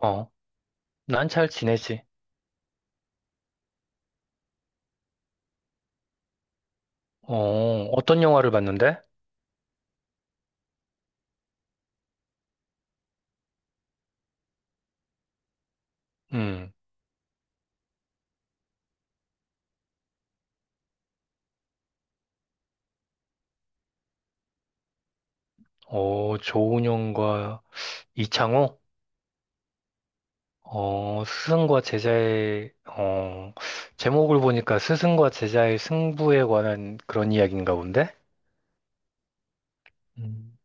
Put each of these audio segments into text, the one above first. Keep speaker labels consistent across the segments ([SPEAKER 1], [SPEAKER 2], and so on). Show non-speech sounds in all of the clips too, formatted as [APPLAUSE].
[SPEAKER 1] 어, 난 잘 지내지. 어, 어떤 영화를 봤는데? 음. 조은영과 이창호? 스승과 제자의, 제목을 보니까 스승과 제자의 승부에 관한 그런 이야기인가 본데? 음.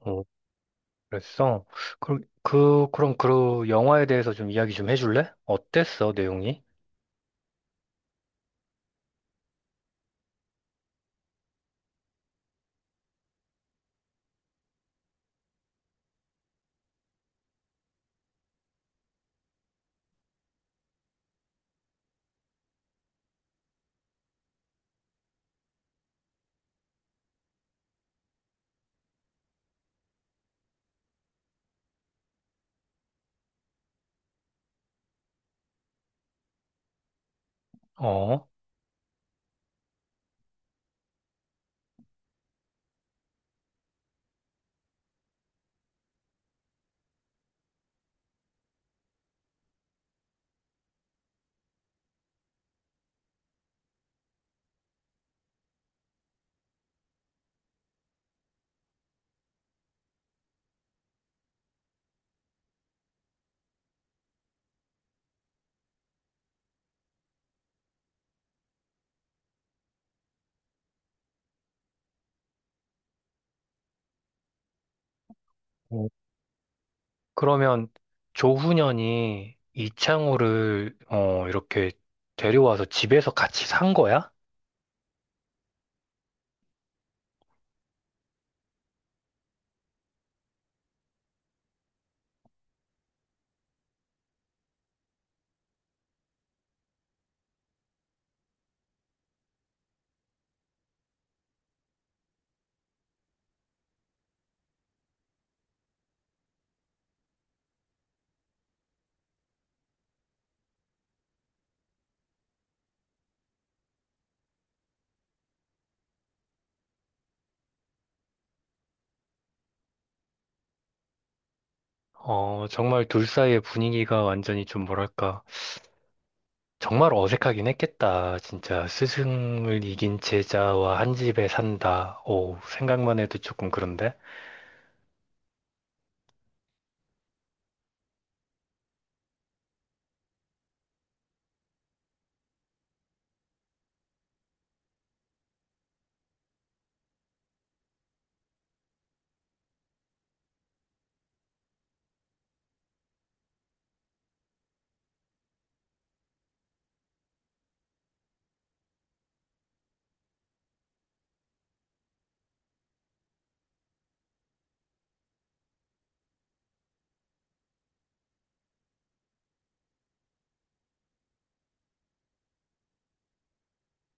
[SPEAKER 1] 어, 그랬어. 그럼, 그럼 그 영화에 대해서 좀 이야기 좀 해줄래? 어땠어, 내용이? 어. 어, 그러면 조훈현이 이창호를 이렇게 데려와서 집에서 같이 산 거야? 정말 둘 사이의 분위기가 완전히 좀 뭐랄까. 정말 어색하긴 했겠다. 진짜 스승을 이긴 제자와 한 집에 산다. 오, 생각만 해도 조금 그런데.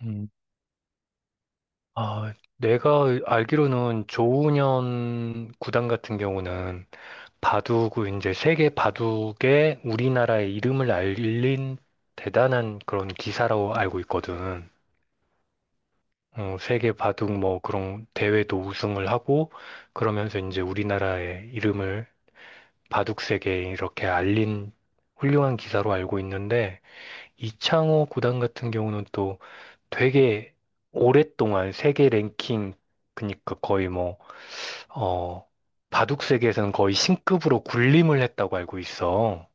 [SPEAKER 1] 음. 아, 내가 알기로는 조훈현 구단 같은 경우는 바둑, 이제 세계 바둑에 우리나라의 이름을 알린 대단한 그런 기사라고 알고 있거든. 어, 세계 바둑 뭐 그런 대회도 우승을 하고 그러면서 이제 우리나라의 이름을 바둑 세계에 이렇게 알린 훌륭한 기사로 알고 있는데 이창호 구단 같은 경우는 또 되게 오랫동안 세계 랭킹 그니까 러 거의 뭐 어, 바둑 세계에서는 거의 신급으로 군림을 했다고 알고 있어.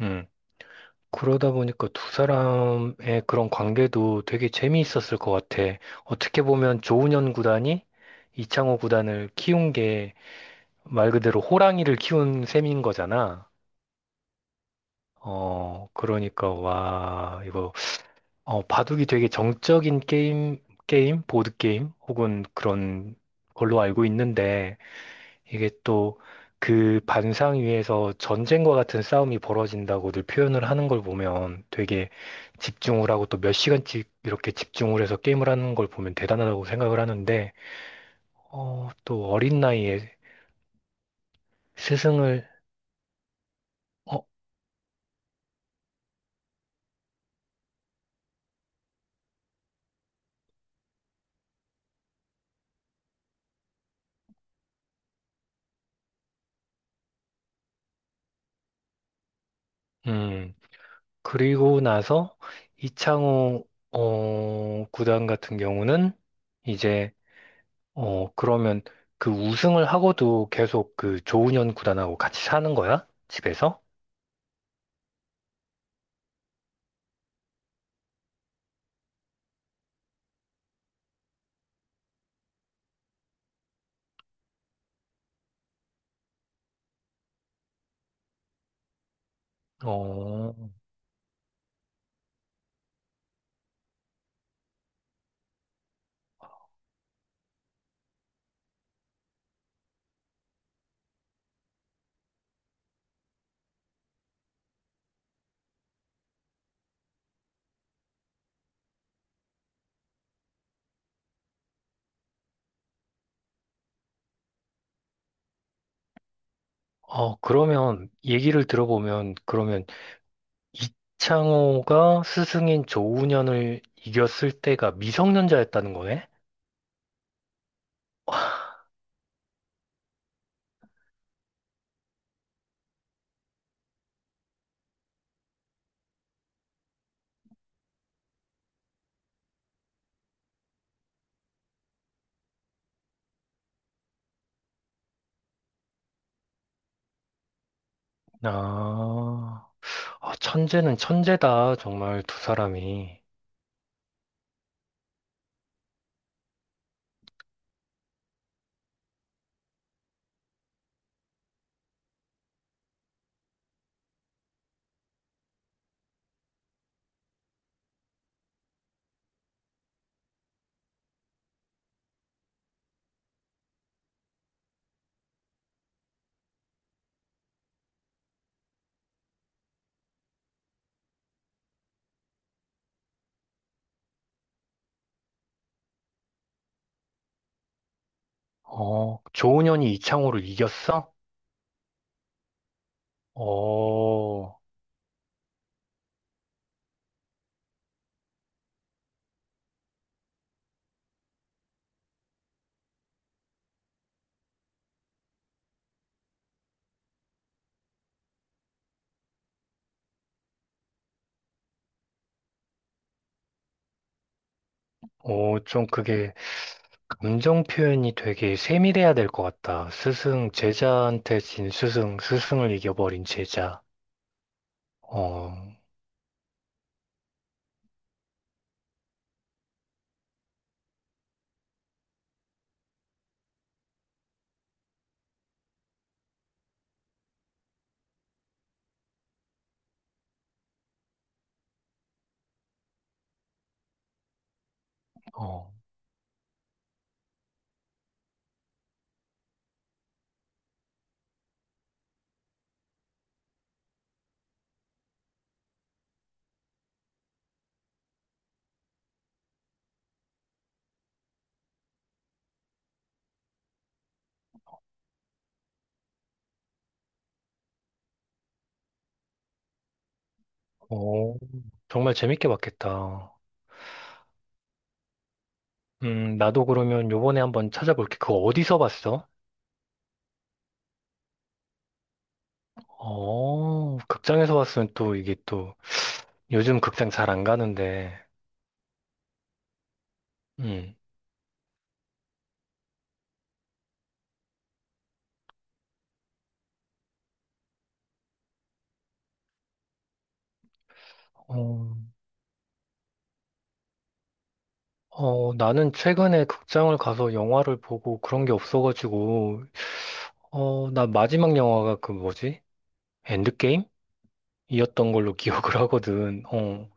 [SPEAKER 1] 음. 그러다 보니까 두 사람의 그런 관계도 되게 재미있었을 것 같아. 어떻게 보면 조훈현 구단이 이창호 구단을 키운 게 말 그대로 호랑이를 키운 셈인 거잖아. 어, 그러니까, 와, 이거, 바둑이 되게 정적인 게임, 보드게임, 혹은 그런 걸로 알고 있는데, 이게 또 그 반상 위에서 전쟁과 같은 싸움이 벌어진다고들 표현을 하는 걸 보면 되게 집중을 하고 또 몇 시간씩 이렇게 집중을 해서 게임을 하는 걸 보면 대단하다고 생각을 하는데, 어, 또 어린 나이에 스승을, 어, 음, 그리고 나서 이창호, 구단 같은 경우는 이제, 그러면 그 우승을 하고도 계속 그 조훈현 구단하고 같이 사는 거야? 집에서? 어, 그러면 얘기를 들어보면 그러면 이창호가 스승인 조훈현을 이겼을 때가 미성년자였다는 거네? [LAUGHS] 아, 아, 천재는 천재다. 정말 두 사람이. 어, 조훈현이 이창호를 이겼어? 어, 어, 좀 그게 감정 표현이 되게 세밀해야 될 것 같다. 스승, 제자한테 진 스승, 스승을 이겨버린 제자. 어, 어, 어. 정말 재밌게 봤겠다. 나도 그러면 요번에 한번 찾아볼게. 그거 어디서 봤어? 극장에서 봤으면 또 이게 또 요즘 극장 잘 안 가는데. 음. 어, 어, 나는 최근에 극장을 가서 영화를 보고 그런 게 없어가지고, 나 마지막 영화가 그 뭐지? 엔드게임? 이었던 걸로 [LAUGHS] 기억을 하거든. 어,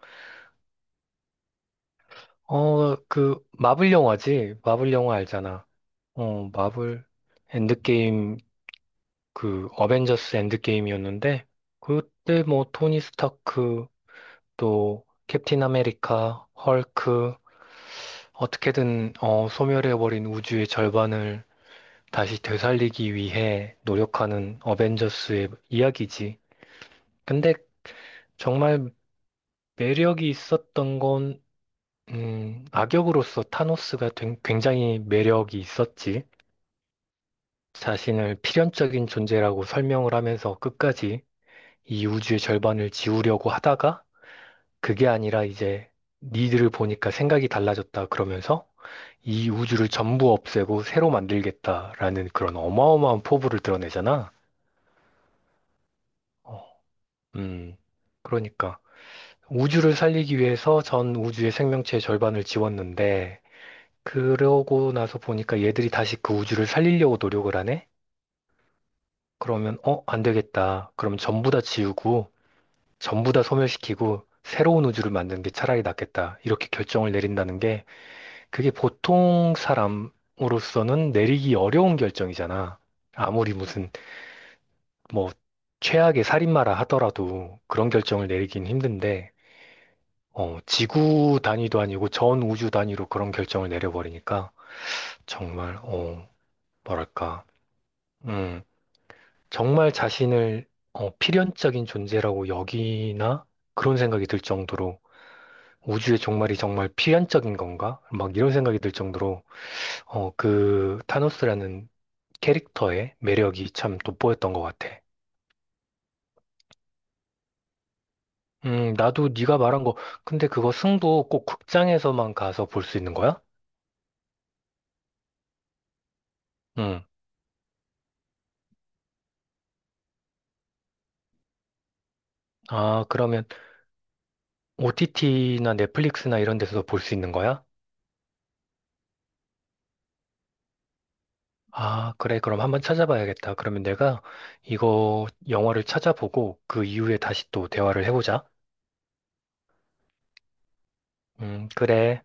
[SPEAKER 1] 그 마블 영화지? 마블 영화 알잖아. 마블 엔드게임 그 어벤져스 엔드게임이었는데 그때 뭐 토니 스타크 또 캡틴 아메리카, 헐크 어떻게든 어, 소멸해버린 우주의 절반을 다시 되살리기 위해 노력하는 어벤져스의 이야기지. 근데 정말 매력이 있었던 건 악역으로서 타노스가 된- 굉장히 매력이 있었지. 자신을 필연적인 존재라고 설명을 하면서 끝까지 이 우주의 절반을 지우려고 하다가 그게 아니라 이제 니들을 보니까 생각이 달라졌다 그러면서 이 우주를 전부 없애고 새로 만들겠다라는 그런 어마어마한 포부를 드러내잖아. 어, 음, 그러니까 우주를 살리기 위해서 전 우주의 생명체의 절반을 지웠는데 그러고 나서 보니까 얘들이 다시 그 우주를 살리려고 노력을 하네? 그러면 어, 안 되겠다. 그럼 전부 다 지우고 전부 다 소멸시키고 새로운 우주를 만드는 게 차라리 낫겠다. 이렇게 결정을 내린다는 그게 보통 사람으로서는 내리기 어려운 결정이잖아. 아무리 무슨 뭐 최악의 살인마라 하더라도 그런 결정을 내리긴 힘든데, 지구 단위도 아니고 전 우주 단위로 그런 결정을 내려버리니까 정말 어, 뭐랄까, 음, 정말 자신을 필연적인 존재라고 여기나 그런 생각이 들 정도로 우주의 종말이 정말 필연적인 건가? 막 이런 생각이 들 정도로 그 타노스라는 캐릭터의 매력이 참 돋보였던 것 같아. 나도 네가 말한 거, 근데 그거 승부 꼭 극장에서만 가서 볼 수 있는 거야? 음. 아, 그러면 OTT나 넷플릭스나 이런 데서도 볼 수 있는 거야? 아, 그래. 그럼 한번 찾아봐야겠다. 그러면 내가 이거 영화를 찾아보고 그 이후에 다시 또 대화를 해보자. 그래.